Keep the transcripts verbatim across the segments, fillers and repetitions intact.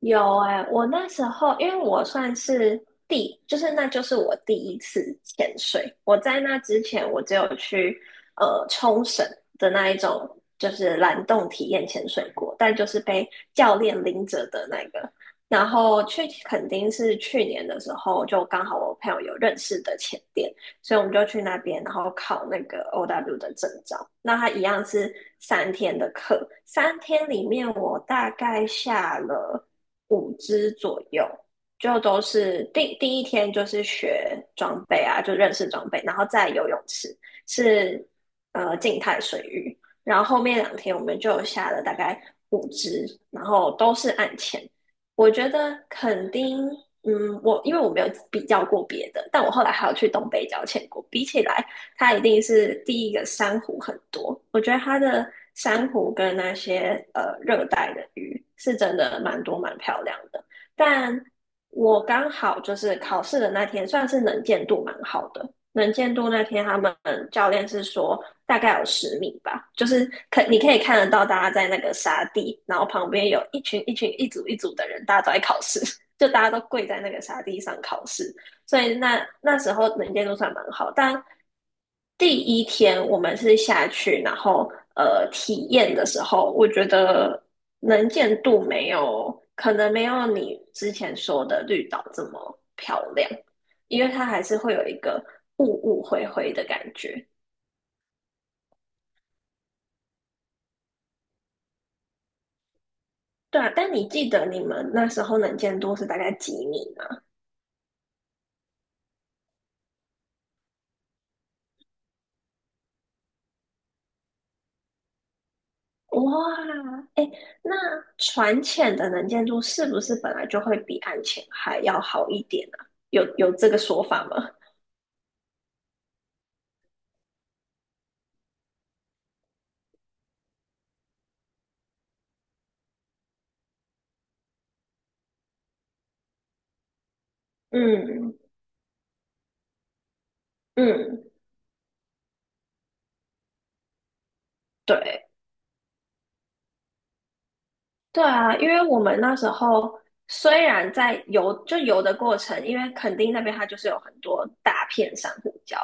有哎、我那时候因为我算是第，就是那就是我第一次潜水。我在那之前，我只有去呃冲绳的那一种，就是蓝洞体验潜水过，但就是被教练拎着的那个。然后去垦丁是去年的时候，就刚好我朋友有认识的潜店，所以我们就去那边，然后考那个 O W 的证照。那他一样是三天的课，三天里面我大概下了。五支左右，就都是第第一天就是学装备啊，就认识装备，然后再游泳池是呃静态水域，然后后面两天我们就下了大概五只，然后都是按潜。我觉得肯定，嗯，我因为我没有比较过别的，但我后来还有去东北角潜过，比起来它一定是第一个珊瑚很多。我觉得它的珊瑚跟那些呃热带的鱼是真的蛮多蛮漂亮的，但我刚好就是考试的那天，算是能见度蛮好的。能见度那天，他们教练是说大概有十米吧，就是可你可以看得到大家在那个沙地，然后旁边有一群一群一组一组的人，大家都在考试，就大家都跪在那个沙地上考试。所以那那时候能见度算蛮好，但第一天我们是下去，然后呃体验的时候，我觉得能见度没有，可能没有你之前说的绿岛这么漂亮，因为它还是会有一个雾雾灰灰的感觉。对啊，但你记得你们那时候能见度是大概几米吗？哇，那船浅的能见度是不是本来就会比岸浅还要好一点啊？有有这个说法吗？嗯嗯，对。对啊，因为我们那时候虽然在游，就游的过程，因为垦丁那边它就是有很多大片珊瑚礁。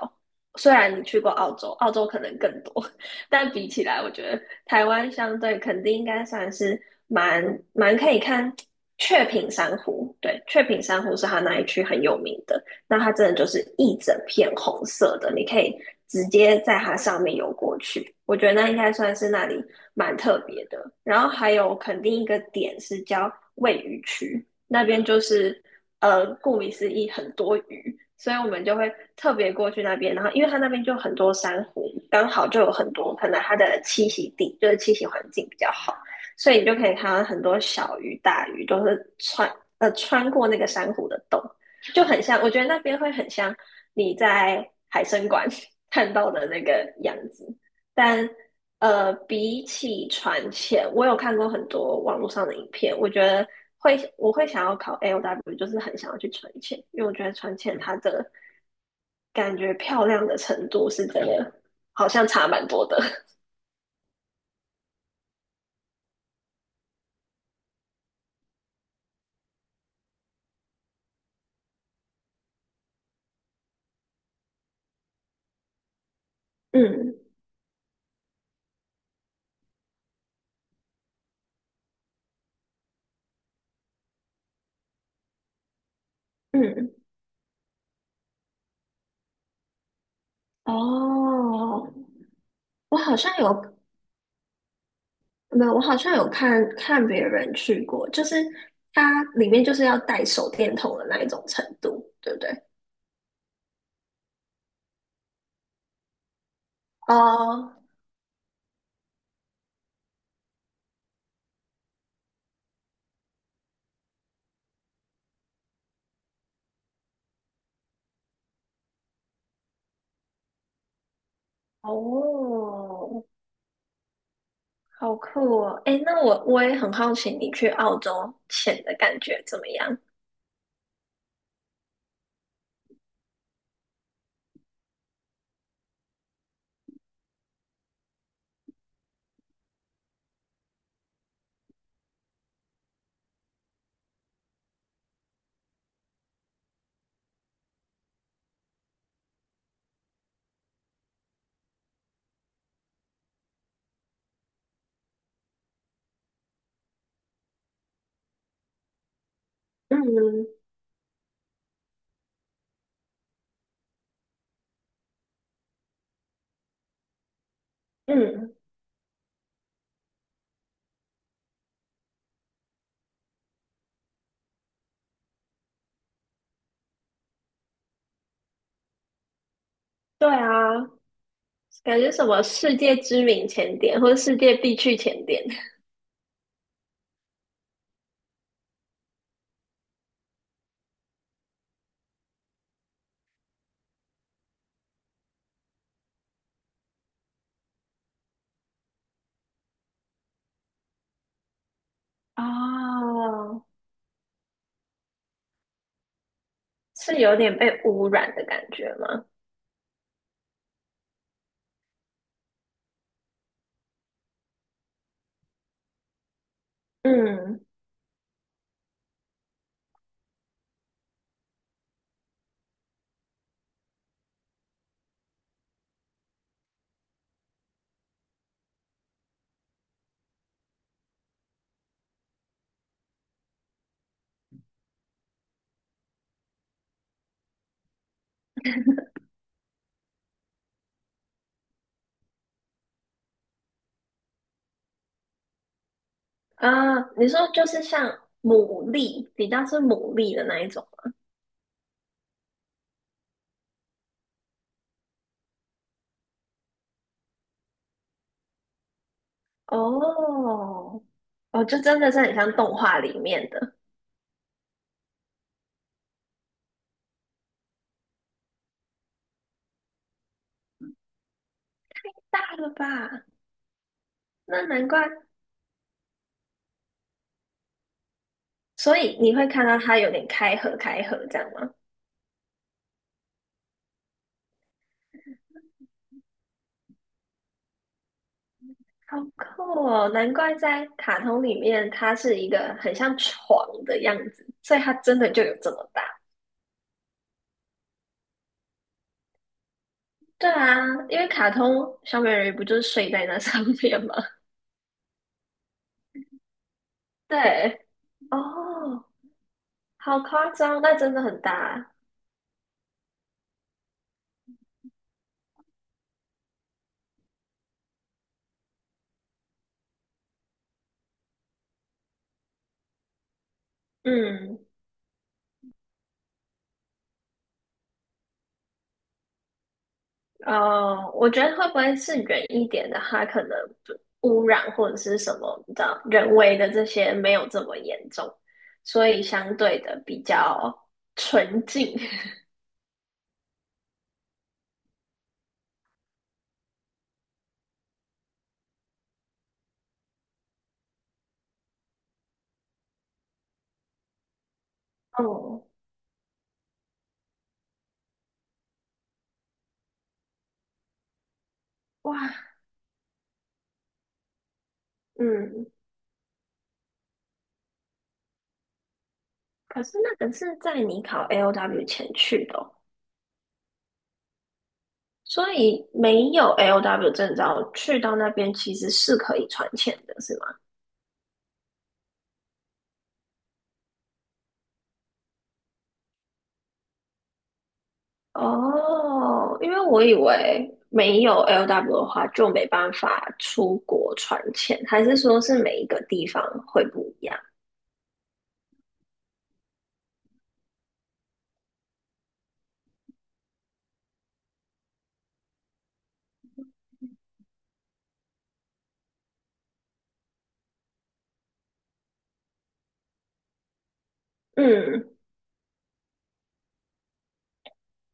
虽然你去过澳洲，澳洲可能更多，但比起来，我觉得台湾相对垦丁应该算是蛮蛮可以看雀屏珊瑚。对，雀屏珊瑚是它那一区很有名的。那它真的就是一整片红色的，你可以直接在它上面游过去。我觉得那应该算是那里蛮特别的。然后还有肯定一个点是叫喂鱼区，那边就是呃，顾名思义很多鱼，所以我们就会特别过去那边。然后因为它那边就很多珊瑚，刚好就有很多，可能它的栖息地就是栖息环境比较好。所以你就可以看到很多小鱼、大鱼都是穿呃穿过那个珊瑚的洞，就很像，我觉得那边会很像你在海参馆 看到的那个样子。但呃，比起船前，我有看过很多网络上的影片，我觉得会我会想要考 A O W，就是很想要去船前，因为我觉得船前它的感觉漂亮的程度是真的好像差蛮多的。嗯嗯，哦，我好像有没有我好像有看看别人去过，就是它里面就是要带手电筒的那一种程度，对不对？哦，哦，好酷哦！诶，那我我也很好奇，你去澳洲潜的感觉怎么样？嗯嗯，对啊，感觉什么世界知名前点或者世界必去前点，哦，是有点被污染的感觉吗？嗯啊，你说就是像牡蛎，比较是牡蛎的那一种。哦，哦，就真的是很像动画里面的，大了吧？那难怪，所以你会看到它有点开合开合这样吗？好酷哦！难怪在卡通里面，它是一个很像床的样子，所以它真的就有这么大。对啊，因为卡通小美人鱼不就是睡在那上面吗？对，哦，好夸张，那真的很大。嗯，哦，我觉得会不会是远一点的，它可能污染或者是什么你知道，人为的这些没有这么严重，所以相对的比较纯净。哦，哇，嗯，可是那个是在你考 L O w 前去的哦。所以没有 L o w 证照，去到那边其实是可以传钱的，是吗？哦，因为我以为没有 L O w 的话就没办法出国传钱，还是说是每一个地方会不一样？嗯，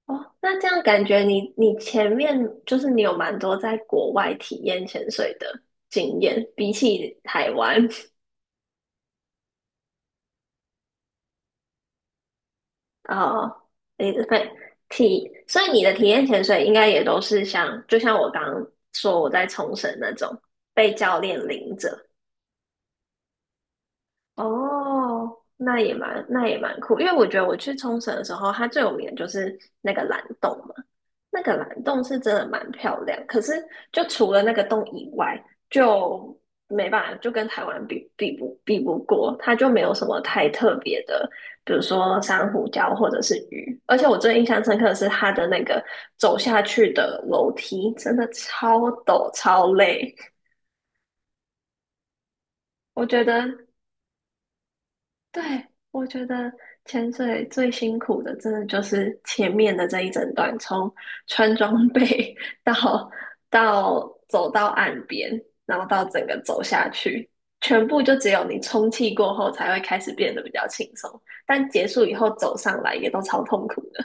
哦，那这样感觉你你前面就是你有蛮多在国外体验潜水的经验，比起台湾。哦，你的对体，所以你的体验潜水应该也都是像，就像我刚刚说我在冲绳那种被教练领着，哦，那也蛮那也蛮酷，因为我觉得我去冲绳的时候，它最有名的就是那个蓝洞嘛。那个蓝洞是真的蛮漂亮，可是就除了那个洞以外，就没办法，就跟台湾比比不比不过，它就没有什么太特别的，比如说珊瑚礁或者是鱼。而且我最印象深刻的是它的那个走下去的楼梯，真的超陡超累。我觉得对，我觉得潜水最辛苦的，真的就是前面的这一整段，从穿装备 到到走到岸边，然后到整个走下去，全部就只有你充气过后才会开始变得比较轻松，但结束以后走上来也都超痛苦的。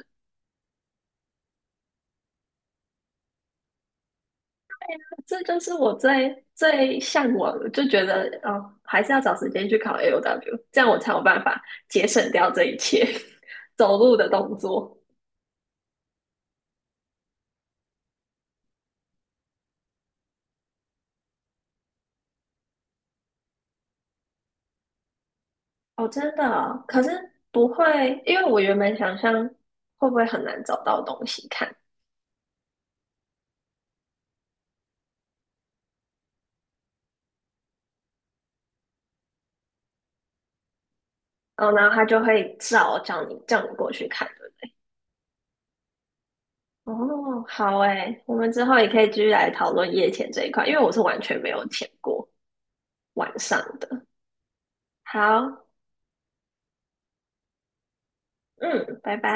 这就是我最最向往的，就觉得哦，还是要找时间去考 A O W，这样我才有办法节省掉这一切 走路的动作。哦，真的哦可是不会，因为我原本想象会不会很难找到东西看，然后然后他就会照叫你叫你过去看，对不对？哦，好诶，我们之后也可以继续来讨论夜潜这一块，因为我是完全没有潜过晚上的。好，嗯，拜拜。